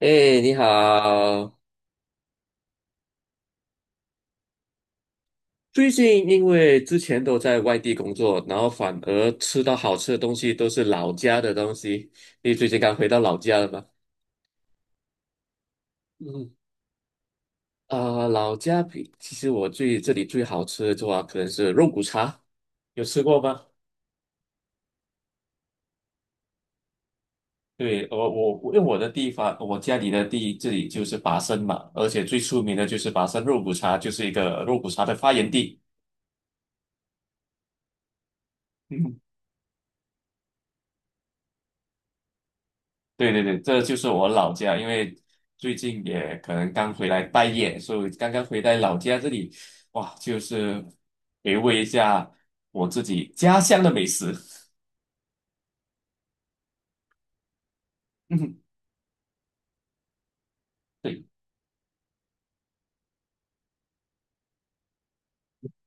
哎，你好！最近因为之前都在外地工作，然后反而吃到好吃的东西都是老家的东西。你最近刚回到老家了吗？嗯，老家比其实我最这里最好吃的话，可能是肉骨茶，有吃过吗？对，我因为我的地方，我家里的地这里就是拔升嘛，而且最出名的就是拔升肉骨茶，就是一个肉骨茶的发源地。嗯对，这就是我老家，因为最近也可能刚回来待业，所以刚刚回来老家这里，哇，就是回味一下我自己家乡的美食。嗯，对，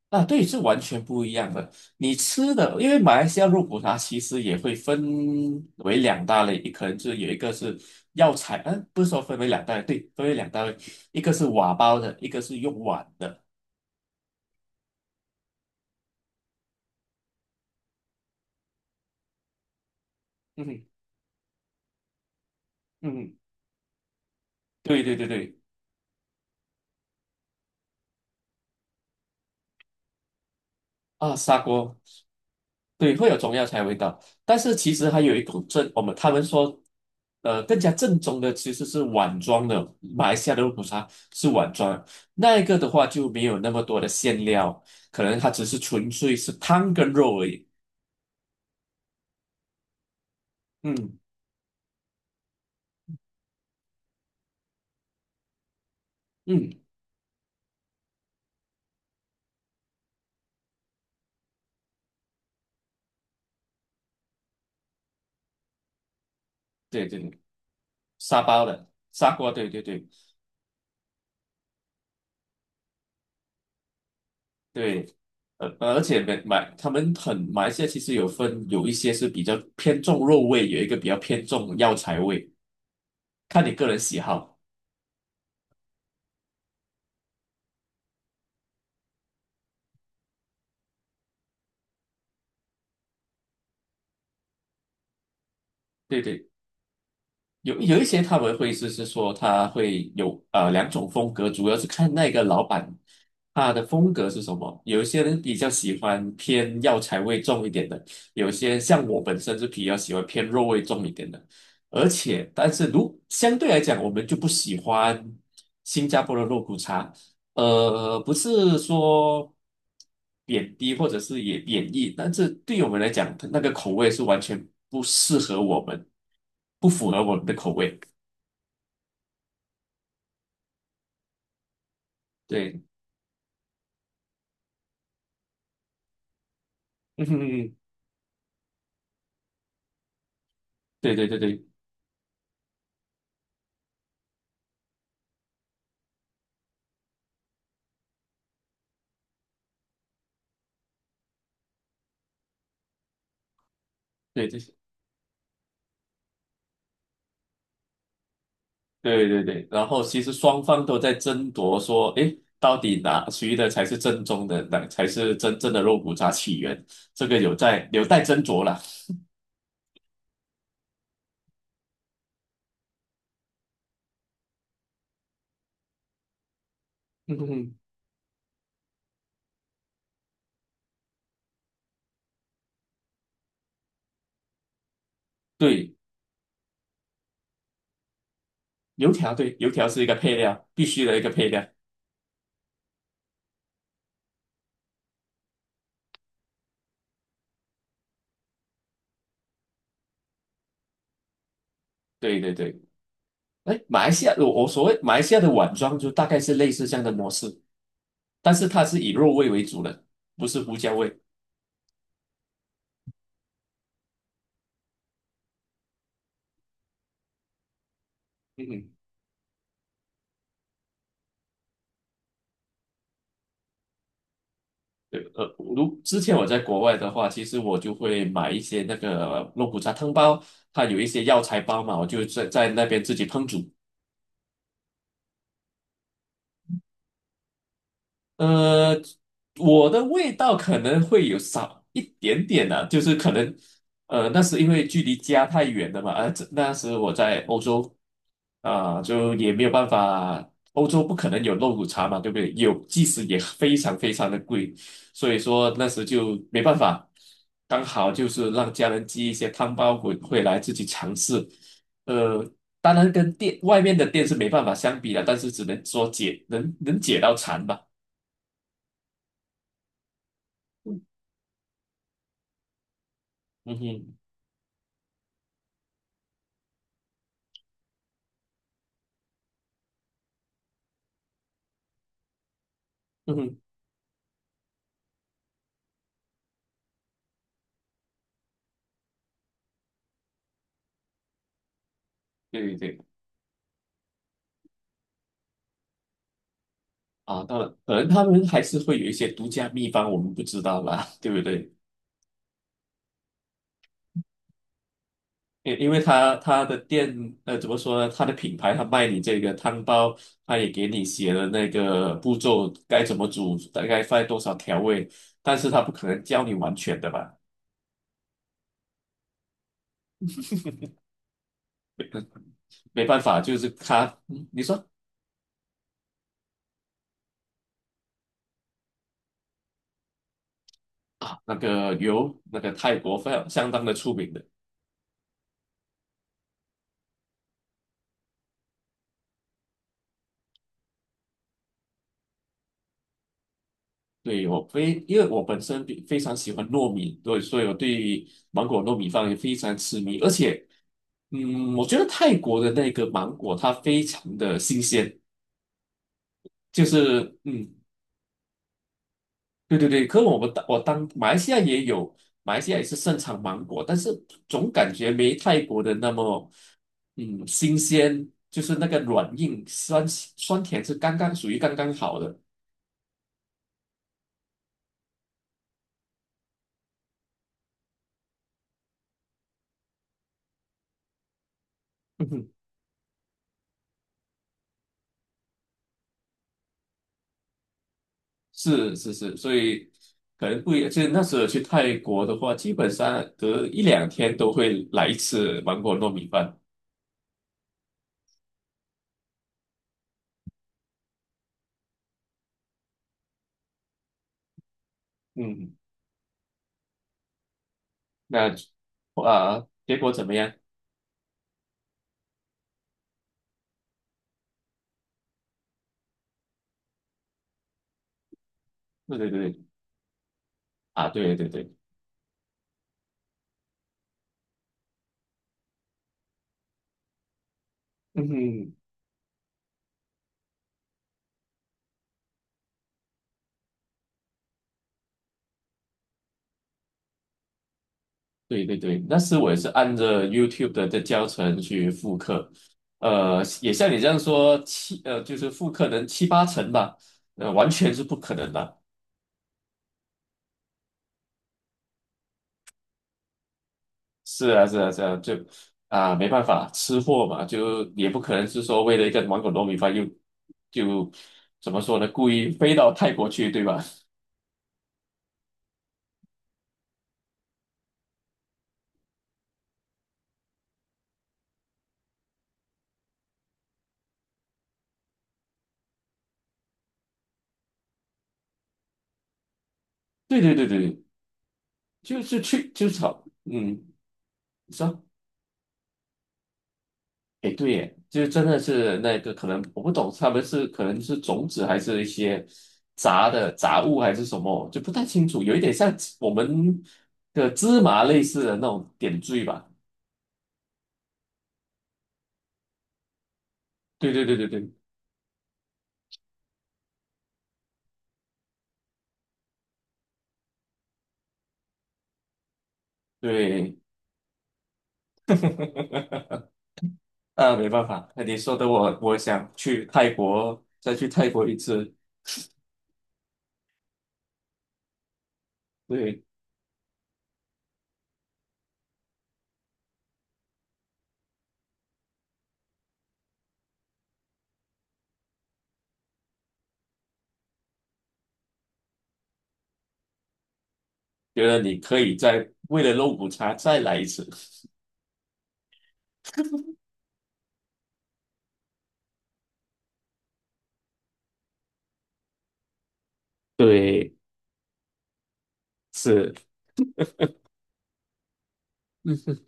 啊，对，是完全不一样的。你吃的，因为马来西亚肉骨茶其实也会分为两大类，可能是有一个是药材，不是说分为两大类，对，分为两大类，一个是瓦煲的，一个是用碗的。嗯哼嗯哼，对。啊，砂锅，对，会有中药材味道，但是其实还有一种正，我们他们说，更加正宗的其实是碗装的，马来西亚的肉骨茶是碗装的那一个的话就没有那么多的馅料，可能它只是纯粹是汤跟肉而已。嗯嗯，对，沙包的砂锅，对，而且买他们很马来西亚其实有分，有一些是比较偏重肉味，有一个比较偏重药材味，看你个人喜好。对，有一些他们会是说他会有两种风格，主要是看那个老板他的风格是什么。有一些人比较喜欢偏药材味重一点的，有些像我本身是比较喜欢偏肉味重一点的。而且，但是如相对来讲，我们就不喜欢新加坡的肉骨茶，不是说贬低或者是也贬义，但是对于我们来讲，那个口味是完全不适合我们，不符合我们的口味。对，嗯哼哼，对对对对对对对。然后其实双方都在争夺说，诶，到底哪谁的才是正宗的，哪才是真正的肉骨茶起源？这个有在有待斟酌了。嗯哼哼，对，油条对，油条是一个配料，必须的一个配料。对。哎，马来西亚，我所谓马来西亚的碗装就大概是类似这样的模式，但是它是以肉味为主的，不是胡椒味。嗯哼，对，如之前我在国外的话，其实我就会买一些那个肉骨茶汤包，它有一些药材包嘛，我就在那边自己烹煮。呃，我的味道可能会有少一点点的、就是可能，那是因为距离家太远了嘛，这那时我在欧洲，就也没有办法，欧洲不可能有肉骨茶嘛，对不对？有，即使也非常非常的贵，所以说那时就没办法，刚好就是让家人寄一些汤包回来自己尝试，呃，当然跟店外面的店是没办法相比的，但是只能说解能解到馋吧。嗯哼，嗯哼，对，啊，当然，可能他们还是会有一些独家秘方，我们不知道啦，对不对？因为他的店，怎么说呢？他的品牌，他卖你这个汤包，他也给你写了那个步骤，该怎么煮，大概放多少调味，但是他不可能教你完全的吧？没没办法，就是他，嗯你说啊，那个油，那个泰国非常相当的出名的。对，我非，因为我本身比非常喜欢糯米，对，所以我对芒果糯米饭也非常痴迷。而且，嗯，我觉得泰国的那个芒果它非常的新鲜，就是，嗯，对。可我们当我当马来西亚也有，马来西亚也是盛产芒果，但是总感觉没泰国的那么，嗯，新鲜，就是那个软硬酸酸甜是刚刚属于刚刚好的。是是是，所以可能不一样。就是那时候去泰国的话，基本上隔一两天都会来一次芒果糯米饭。嗯，那啊，结果怎么样？对啊，对，嗯哼，对，那时我也是按着 YouTube 的教程去复刻，也像你这样说七就是复刻能七八成吧，完全是不可能的。是啊，是啊，是啊，就啊，没办法，吃货嘛，就也不可能是说为了一个芒果糯米饭又就怎么说呢，故意飞到泰国去，对吧？对，就是去就是好，嗯，你说，哎，对耶，就真的是那个可能我不懂，他们是可能是种子还是一些杂的杂物还是什么，就不太清楚，有一点像我们的芝麻类似的那种点缀吧。对对对对对对。啊，没办法，那你说的我，我想去泰国，再去泰国一次，对，觉得你可以再为了肉骨茶再来一次。对，是，嗯哼，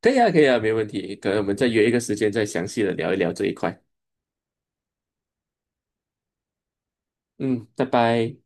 可以啊，可以啊，没问题。可能我们再约一个时间，再详细的聊一聊这一块。嗯，拜拜。